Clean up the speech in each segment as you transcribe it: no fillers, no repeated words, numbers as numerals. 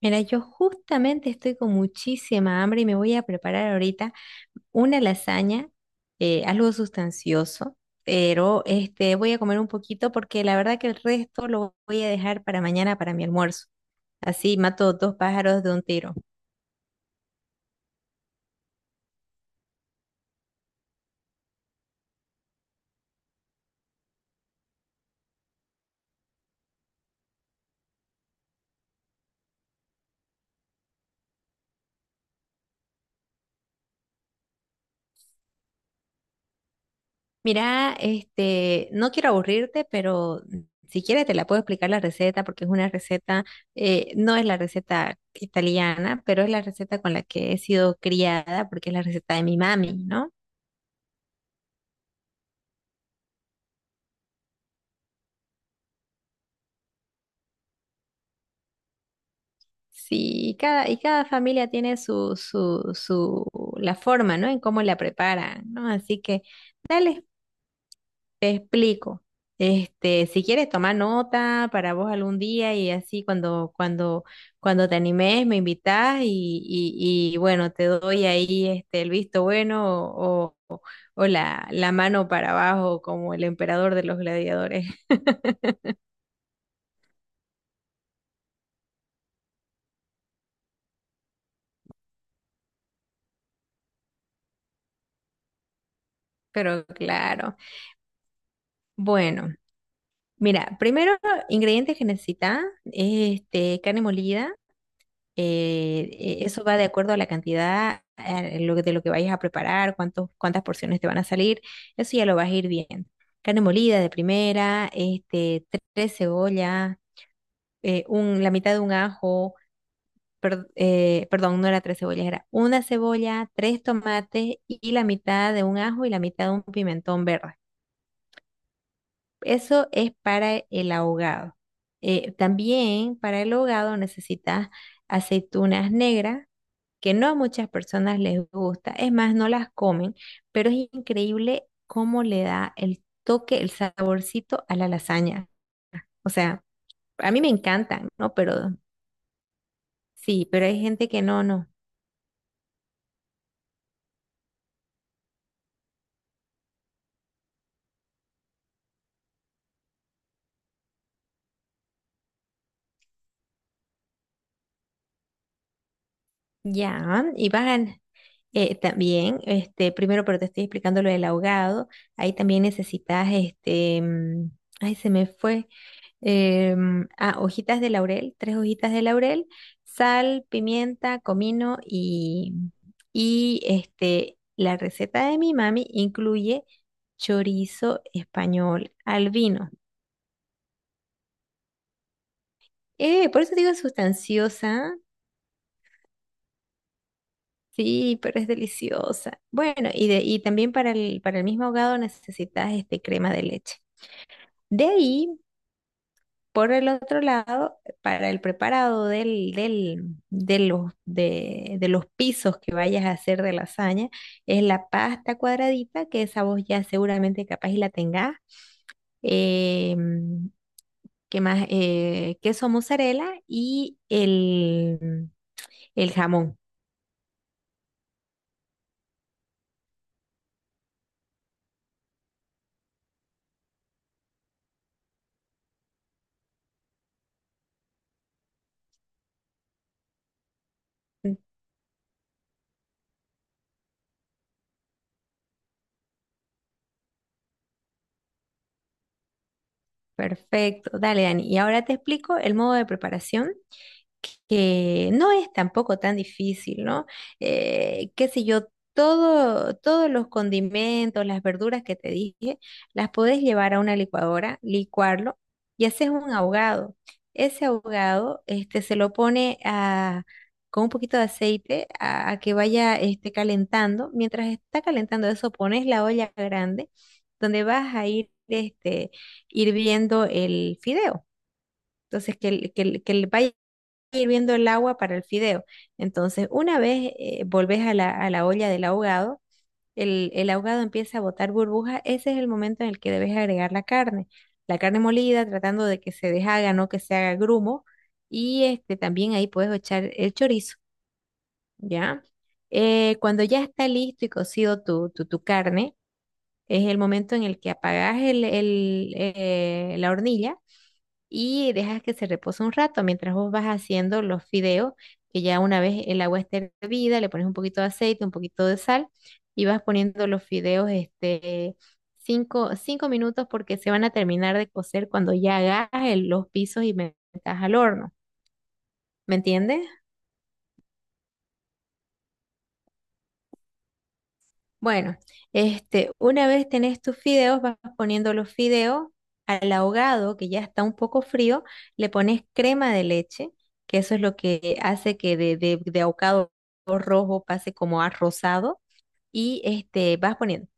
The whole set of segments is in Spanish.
Mira, yo justamente estoy con muchísima hambre y me voy a preparar ahorita una lasaña, algo sustancioso, pero voy a comer un poquito porque la verdad que el resto lo voy a dejar para mañana para mi almuerzo. Así mato dos pájaros de un tiro. Mira, no quiero aburrirte, pero si quieres te la puedo explicar la receta porque es una receta, no es la receta italiana, pero es la receta con la que he sido criada porque es la receta de mi mami, ¿no? Sí, y cada familia tiene su la forma, ¿no? ¿En cómo la preparan, ¿no? Así que, dale, te explico. Si quieres tomar nota para vos algún día y así cuando te animes, me invitás y bueno, te doy ahí el visto bueno o, o la mano para abajo como el emperador de los gladiadores. Pero claro, bueno. Mira, primero, ingredientes que necesitas, carne molida, eso va de acuerdo a la cantidad, lo que- de lo que vayas a preparar, cuántas porciones te van a salir, eso ya lo vas a ir viendo. Carne molida de primera, tres cebollas, la mitad de un ajo, perdón, no era tres cebollas, era una cebolla, tres tomates y la mitad de un ajo y la mitad de un pimentón verde. Eso es para el ahogado. También para el ahogado necesitas aceitunas negras, que no a muchas personas les gusta, es más, no las comen, pero es increíble cómo le da el toque, el saborcito a la lasaña. O sea, a mí me encantan, ¿no? Pero sí, pero hay gente que no, no. Ya, y bajan. También, primero, pero te estoy explicando lo del ahogado. Ahí también necesitas, ay, se me fue. Hojitas de laurel, tres hojitas de laurel, sal, pimienta, comino y la receta de mi mami incluye chorizo español al vino. Por eso digo es sustanciosa, sí, pero es deliciosa. Bueno, y también para el mismo ahogado necesitas crema de leche. De ahí por el otro lado, para el preparado de los pisos que vayas a hacer de lasaña, es la pasta cuadradita, que esa vos ya seguramente capaz y la tengas. Eh, ¿Qué más? Queso mozzarella y el jamón. Perfecto, dale, Dani. Y ahora te explico el modo de preparación, que no es tampoco tan difícil, ¿no? Qué sé yo, todo, todos los condimentos, las verduras que te dije, las podés llevar a una licuadora, licuarlo y haces un ahogado. Ese ahogado, se lo pone a, con un poquito de aceite a que vaya, calentando. Mientras está calentando eso, pones la olla grande donde vas a ir, hirviendo el fideo. Entonces, vaya hirviendo el agua para el fideo. Entonces, una vez volvés a la olla del ahogado, el ahogado empieza a botar burbujas. Ese es el momento en el que debes agregar la carne. La carne molida, tratando de que se deshaga, no que se haga grumo. Y también ahí puedes echar el chorizo, ¿ya? Cuando ya está listo y cocido tu carne, es el momento en el que apagás la hornilla y dejas que se repose un rato mientras vos vas haciendo los fideos, que ya una vez el agua esté hervida, le pones un poquito de aceite, un poquito de sal y vas poniendo los fideos cinco minutos porque se van a terminar de cocer cuando ya hagas los pisos y metas al horno. ¿Me entiendes? Bueno, una vez tenés tus fideos, vas poniendo los fideos al ahogado, que ya está un poco frío, le pones crema de leche, que eso es lo que hace que de ahogado rojo pase como a rosado, y vas poniendo.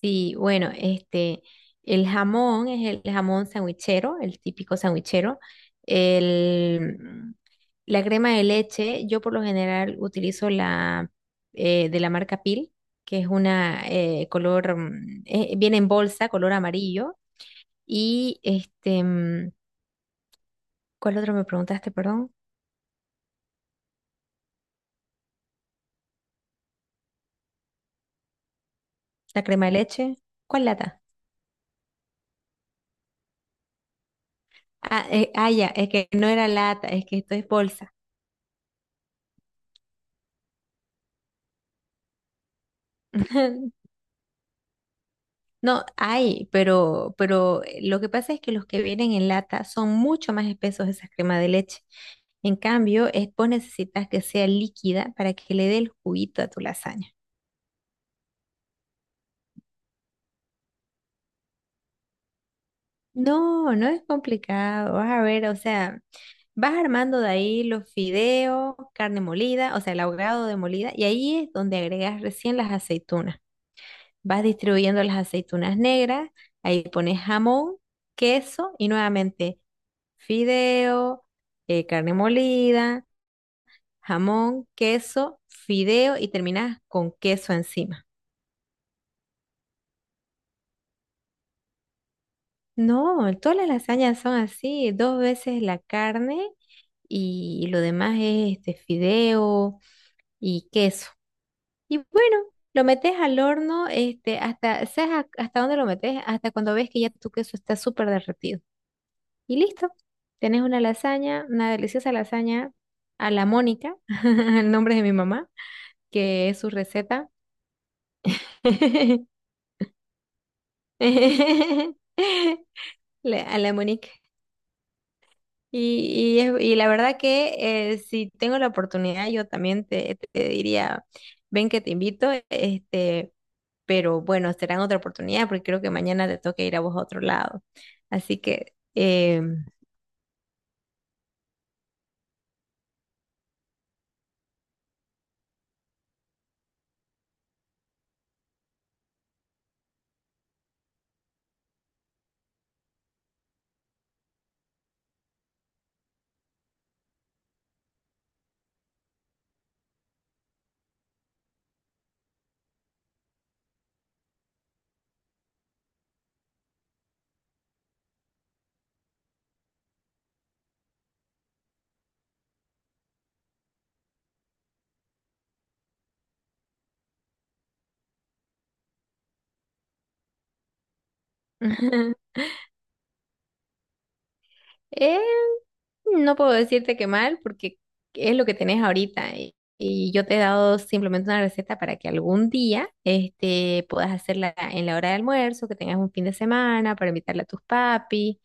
Sí, bueno, el jamón es el jamón sandwichero, el típico sandwichero. El, la crema de leche, yo por lo general utilizo la de la marca Pil, que es una color, viene en bolsa, color amarillo. Y ¿cuál otro me preguntaste, perdón? La crema de leche, ¿cuál lata? Ah, ya, es que no era lata, es que esto es bolsa. No, hay, pero lo que pasa es que los que vienen en lata son mucho más espesos esas cremas de leche. En cambio, es, vos necesitas que sea líquida para que le dé el juguito a tu lasaña. No, no es complicado. Vas a ver, o sea, vas armando de ahí los fideos, carne molida, o sea, el ahogado de molida, y ahí es donde agregas recién las aceitunas. Vas distribuyendo las aceitunas negras, ahí pones jamón, queso y nuevamente fideo, carne molida, jamón, queso, fideo y terminas con queso encima. No, todas las lasañas son así, dos veces la carne y lo demás es este fideo y queso. Y bueno, lo metes al horno, hasta, ¿sabes hasta dónde lo metes? Hasta cuando ves que ya tu queso está súper derretido. Y listo. Tenés una lasaña, una deliciosa lasaña a la Mónica, el nombre de mi mamá, que es su receta. A la Mónica. Y, y la verdad que si tengo la oportunidad, yo también te diría, ven que te invito, pero bueno, será otra oportunidad porque creo que mañana te toca ir a vos a otro lado. Así que... Eh, no puedo decirte que mal, porque es lo que tenés ahorita. Y yo te he dado simplemente una receta para que algún día puedas hacerla en la hora de almuerzo, que tengas un fin de semana para invitarla a tus papi,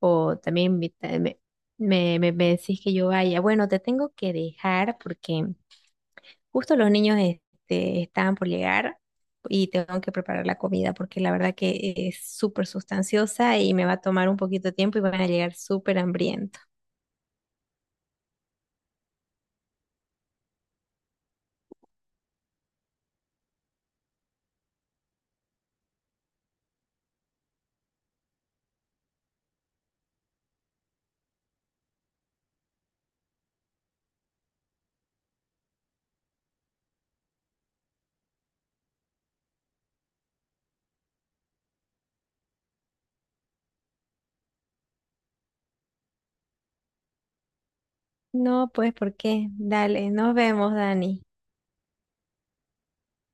o también me decís que yo vaya. Bueno, te tengo que dejar porque justo los niños estaban por llegar y tengo que preparar la comida porque la verdad que es súper sustanciosa y me va a tomar un poquito de tiempo y van a llegar súper hambrientos. No, pues, ¿por qué? Dale, nos vemos, Dani.